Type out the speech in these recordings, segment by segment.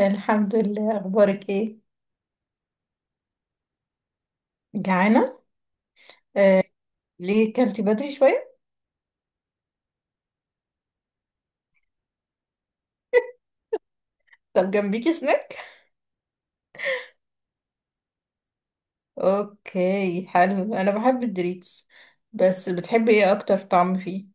الحمد لله، اخبارك ايه؟ جعانه. آه، ليه كلتي بدري شويه؟ طب جنبيكي سناك؟ اوكي، حلو، انا بحب الدريتس. بس بتحبي ايه اكتر طعم فيه؟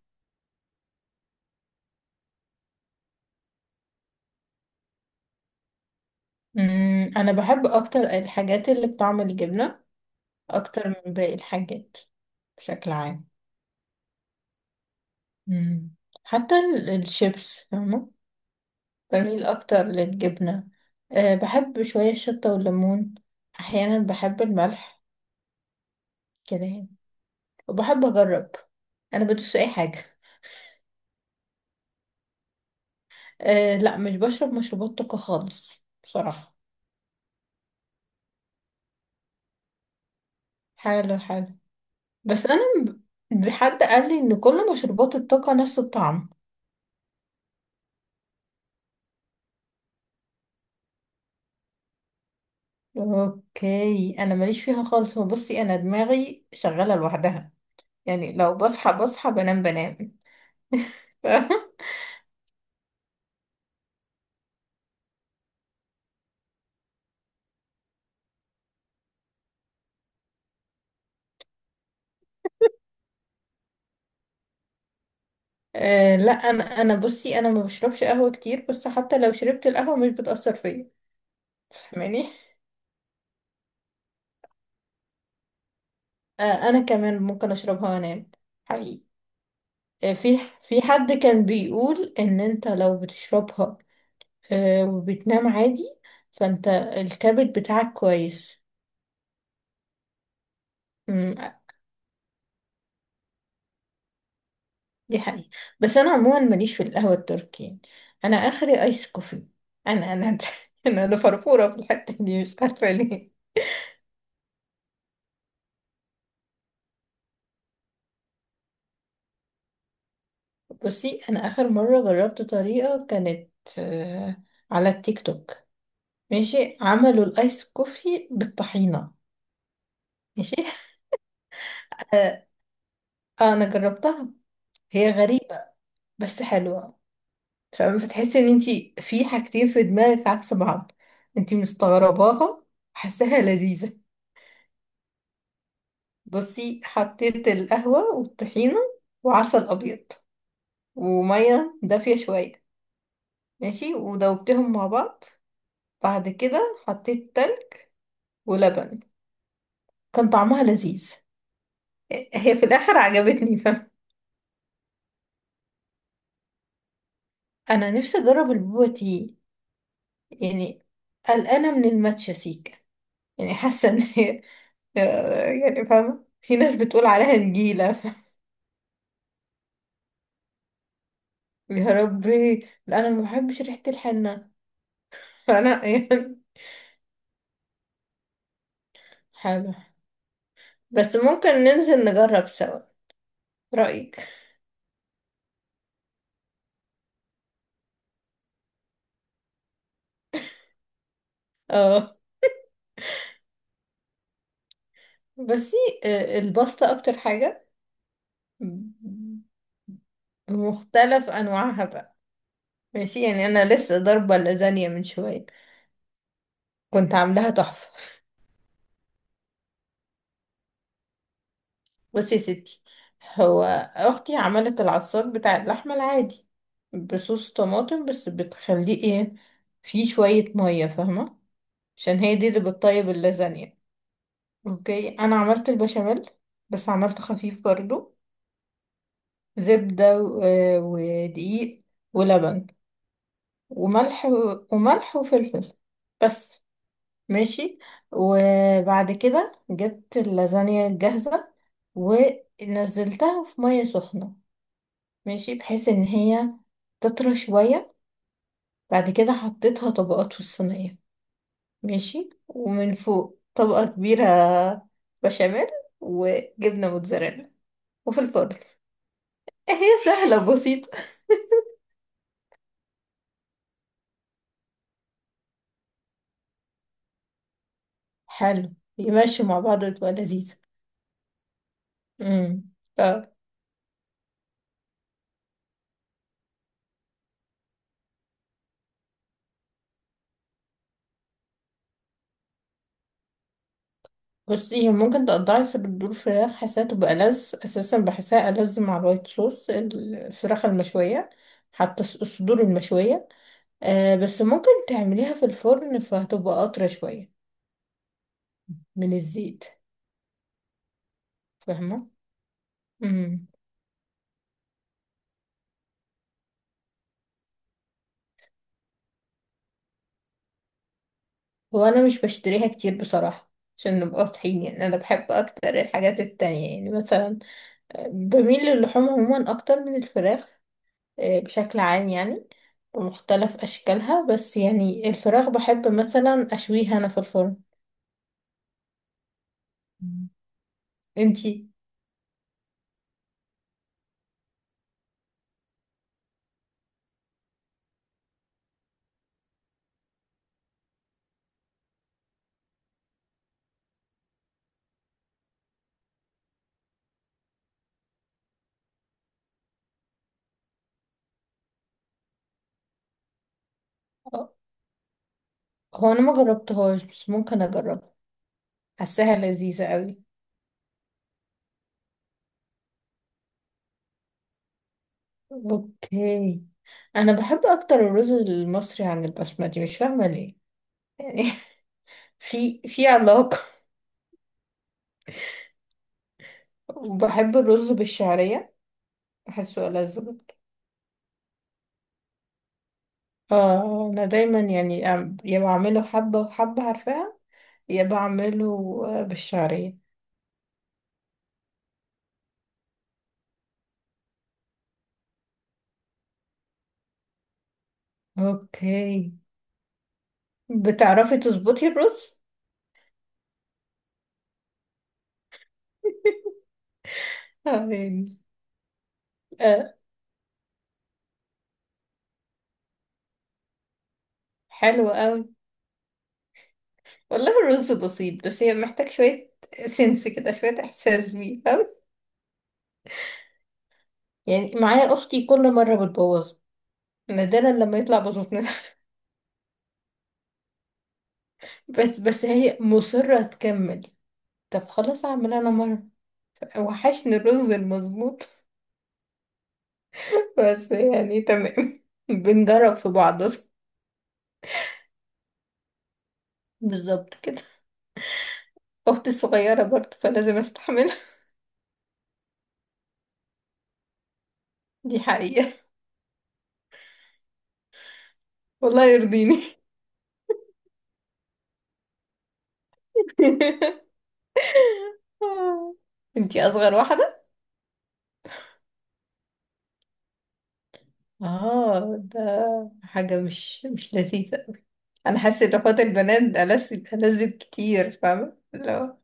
انا بحب اكتر الحاجات اللي بطعم الجبنه، اكتر من باقي الحاجات، بشكل عام. امم. حتى الشيبس، فاهمه. بميل اكتر للجبنه. بحب شويه الشطه والليمون، احيانا بحب الملح. كده يعني. بحب اجرب. انا بدوس في اي حاجه. أه، لا، مش بشرب مشروبات طاقه خالص بصراحه. حاله حاله. بس انا، حد قال لي ان كل مشروبات الطاقه نفس الطعم. اوكي، انا ماليش فيها خالص. هو بصي، انا دماغي شغاله لوحدها. يعني لو بصحى بصحى، بنام بنام. ف... أه، لا، انا بصي، انا ما بشربش قهوه كتير، بس حتى لو شربت القهوه مش بتاثر فيا. فاهماني؟ أه. انا كمان ممكن اشربها وانام. حقيقي. آه، في حد كان بيقول ان انت لو بتشربها آه، وبتنام عادي، فانت الكبد بتاعك كويس. مم. دي حقيقة. بس انا عموما ماليش في القهوة التركي يعني. انا اخري ايس كوفي. انا انا فرفورة في الحتة دي، مش عارفة ليه. بصي، انا اخر مرة جربت طريقة كانت آه، على التيك توك. ماشي، عملوا الايس كوفي بالطحينة. ماشي. آه. آه، انا جربتها. هي غريبة، بس حلوة. فاهمة؟ فتحسي ان انتي في حاجتين في دماغك عكس بعض. انتي مستغرباها، حاساها لذيذة. بصي، حطيت القهوة والطحينة، وعسل أبيض، ومية دافية شوية. ماشي، ودوبتهم مع بعض. بعد كده حطيت تلج ولبن. كان طعمها لذيذ. هي في الآخر عجبتني، فاهمة. أنا نفسي أجرب البوبا تي. يعني، قلقانة من الماتشا سيكا. يعني حاسة إن هي... يعني، فاهمة، في ناس بتقول عليها نجيلة. يا ربي. لا، انا ما بحبش ريحة الحنة. فانا يعني، حلو. بس ممكن ننزل نجرب سوا. رأيك؟ اه. بس الباستا اكتر حاجة، بمختلف انواعها بقى. ماشي، يعني انا لسه ضاربة اللازانيا من شوية. كنت عاملاها تحفة. بصي يا ستي، هو اختي عملت العصاج بتاع اللحمة العادي، بصوص طماطم، بس بتخليه ايه، فيه شوية مية، فاهمة، عشان هي دي اللي بتطيب اللازانيا. اوكي، انا عملت البشاميل، بس عملته خفيف برضو. زبدة ودقيق ولبن وملح وملح وفلفل، بس. ماشي. وبعد كده جبت اللازانيا الجاهزة، ونزلتها في مية سخنة، ماشي، بحيث ان هي تطرى شوية. بعد كده حطيتها طبقات في الصينية، ماشي، ومن فوق طبقة كبيرة بشاميل وجبنة موتزاريلا، وفي الفرن. إيه، هي سهلة بسيطة. حلو، يمشي مع بعض تبقى لذيذة. امم. طب بصي، ممكن تقطعي صدور فراخ، حاساها تبقى ألذ أساسا، بحسها ألذ مع الوايت صوص الفراخ المشوية، حتى الصدور المشوية. بس ممكن تعمليها في الفرن فهتبقى قطرة شوية من الزيت، فاهمة. امم. هو أنا مش بشتريها كتير بصراحة، عشان نبقى واضحين، يعني أنا بحب أكتر الحاجات التانية، يعني مثلا بميل للحوم عموما اكتر من الفراخ، بشكل عام يعني. ومختلف أشكالها، بس يعني الفراخ بحب مثلا أشويها أنا في الفرن. مم. انتي، آه، هو أنا ما جربتهاش بس ممكن أجربها. حاساها لذيذة قوي. اوكي. أنا بحب أكتر الرز المصري عن البسمتي، مش فاهمة ليه. يعني، في علاقة. وبحب الرز بالشعرية، بحسه ألذ برضه. اه، أنا دايما، يعني، يا بعمله حبة وحبة، عارفاها، يا بعمله بالشعرية. اوكي. بتعرفي تظبطي الرز؟ تمام. آه. حلو قوي. والله الرز بسيط، بس هي محتاج شوية سنس كده، شوية احساس بيه، فاهمة. يعني معايا اختي، كل مرة بتبوظ. نادرا لما يطلع بظبط. بس هي مصرة تكمل. طب خلاص اعمل انا مرة. وحشني الرز المظبوط. بس يعني تمام. بنجرب في بعض. بالظبط كده. اختي الصغيرة برضه، فلازم استحملها. دي حقيقة. والله يرضيني. انتي اصغر واحده؟ اه، ده حاجه مش لذيذه أوي. انا حاسه ان اخوات البنات ألذ ألذ كتير، فاهمه، لو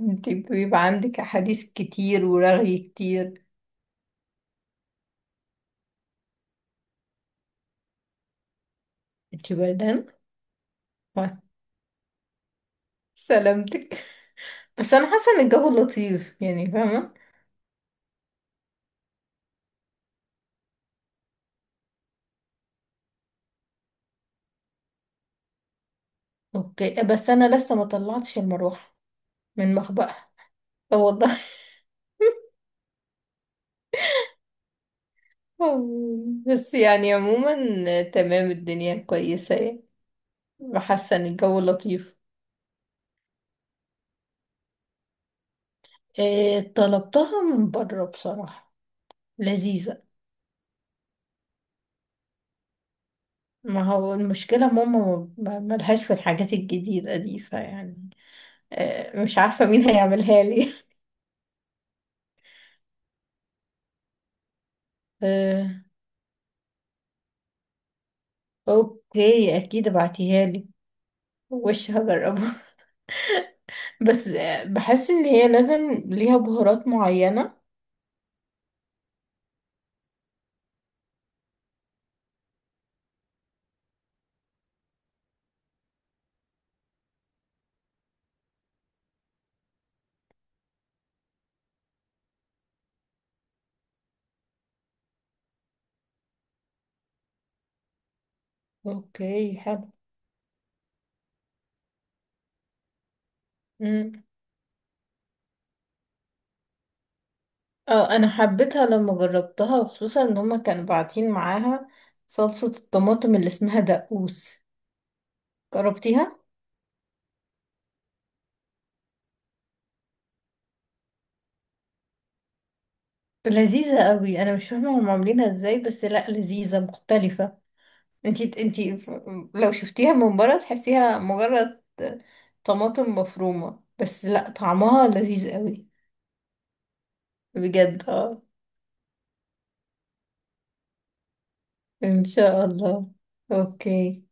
انتي بيبقى عندك احاديث كتير، ورغي كتير. انتي بردان؟ وا- سلامتك. بس انا حاسه ان الجو لطيف، يعني فاهمه. اوكي، بس انا لسه ما طلعتش المروحه من مخبأها. آه والله. بس يعني عموما، تمام الدنيا كويسه يعني. وحاسه ان الجو لطيف. إيه، طلبتها من بره بصراحه. لذيذه. ما هو المشكله، ماما ملهاش في الحاجات الجديده دي، فيعني إيه، مش عارفه مين هيعملها لي. إيه، اوكي، اكيد ابعتيها لي، وش هجربها. بس بحس ان هي لازم ليها بهارات معينه. اوكي حلو. مم. اه، انا حبيتها لما جربتها، وخصوصا ان هما كانوا باعتين معاها صلصه الطماطم اللي اسمها دقوس. جربتيها؟ لذيذة قوي، انا مش فاهمة هم عاملينها ازاي، بس لا، لذيذة مختلفة. انتي لو شفتيها من بره تحسيها مجرد طماطم مفرومة، بس لا، طعمها لذيذ قوي. بجد، اه. ان شاء الله. اوكي.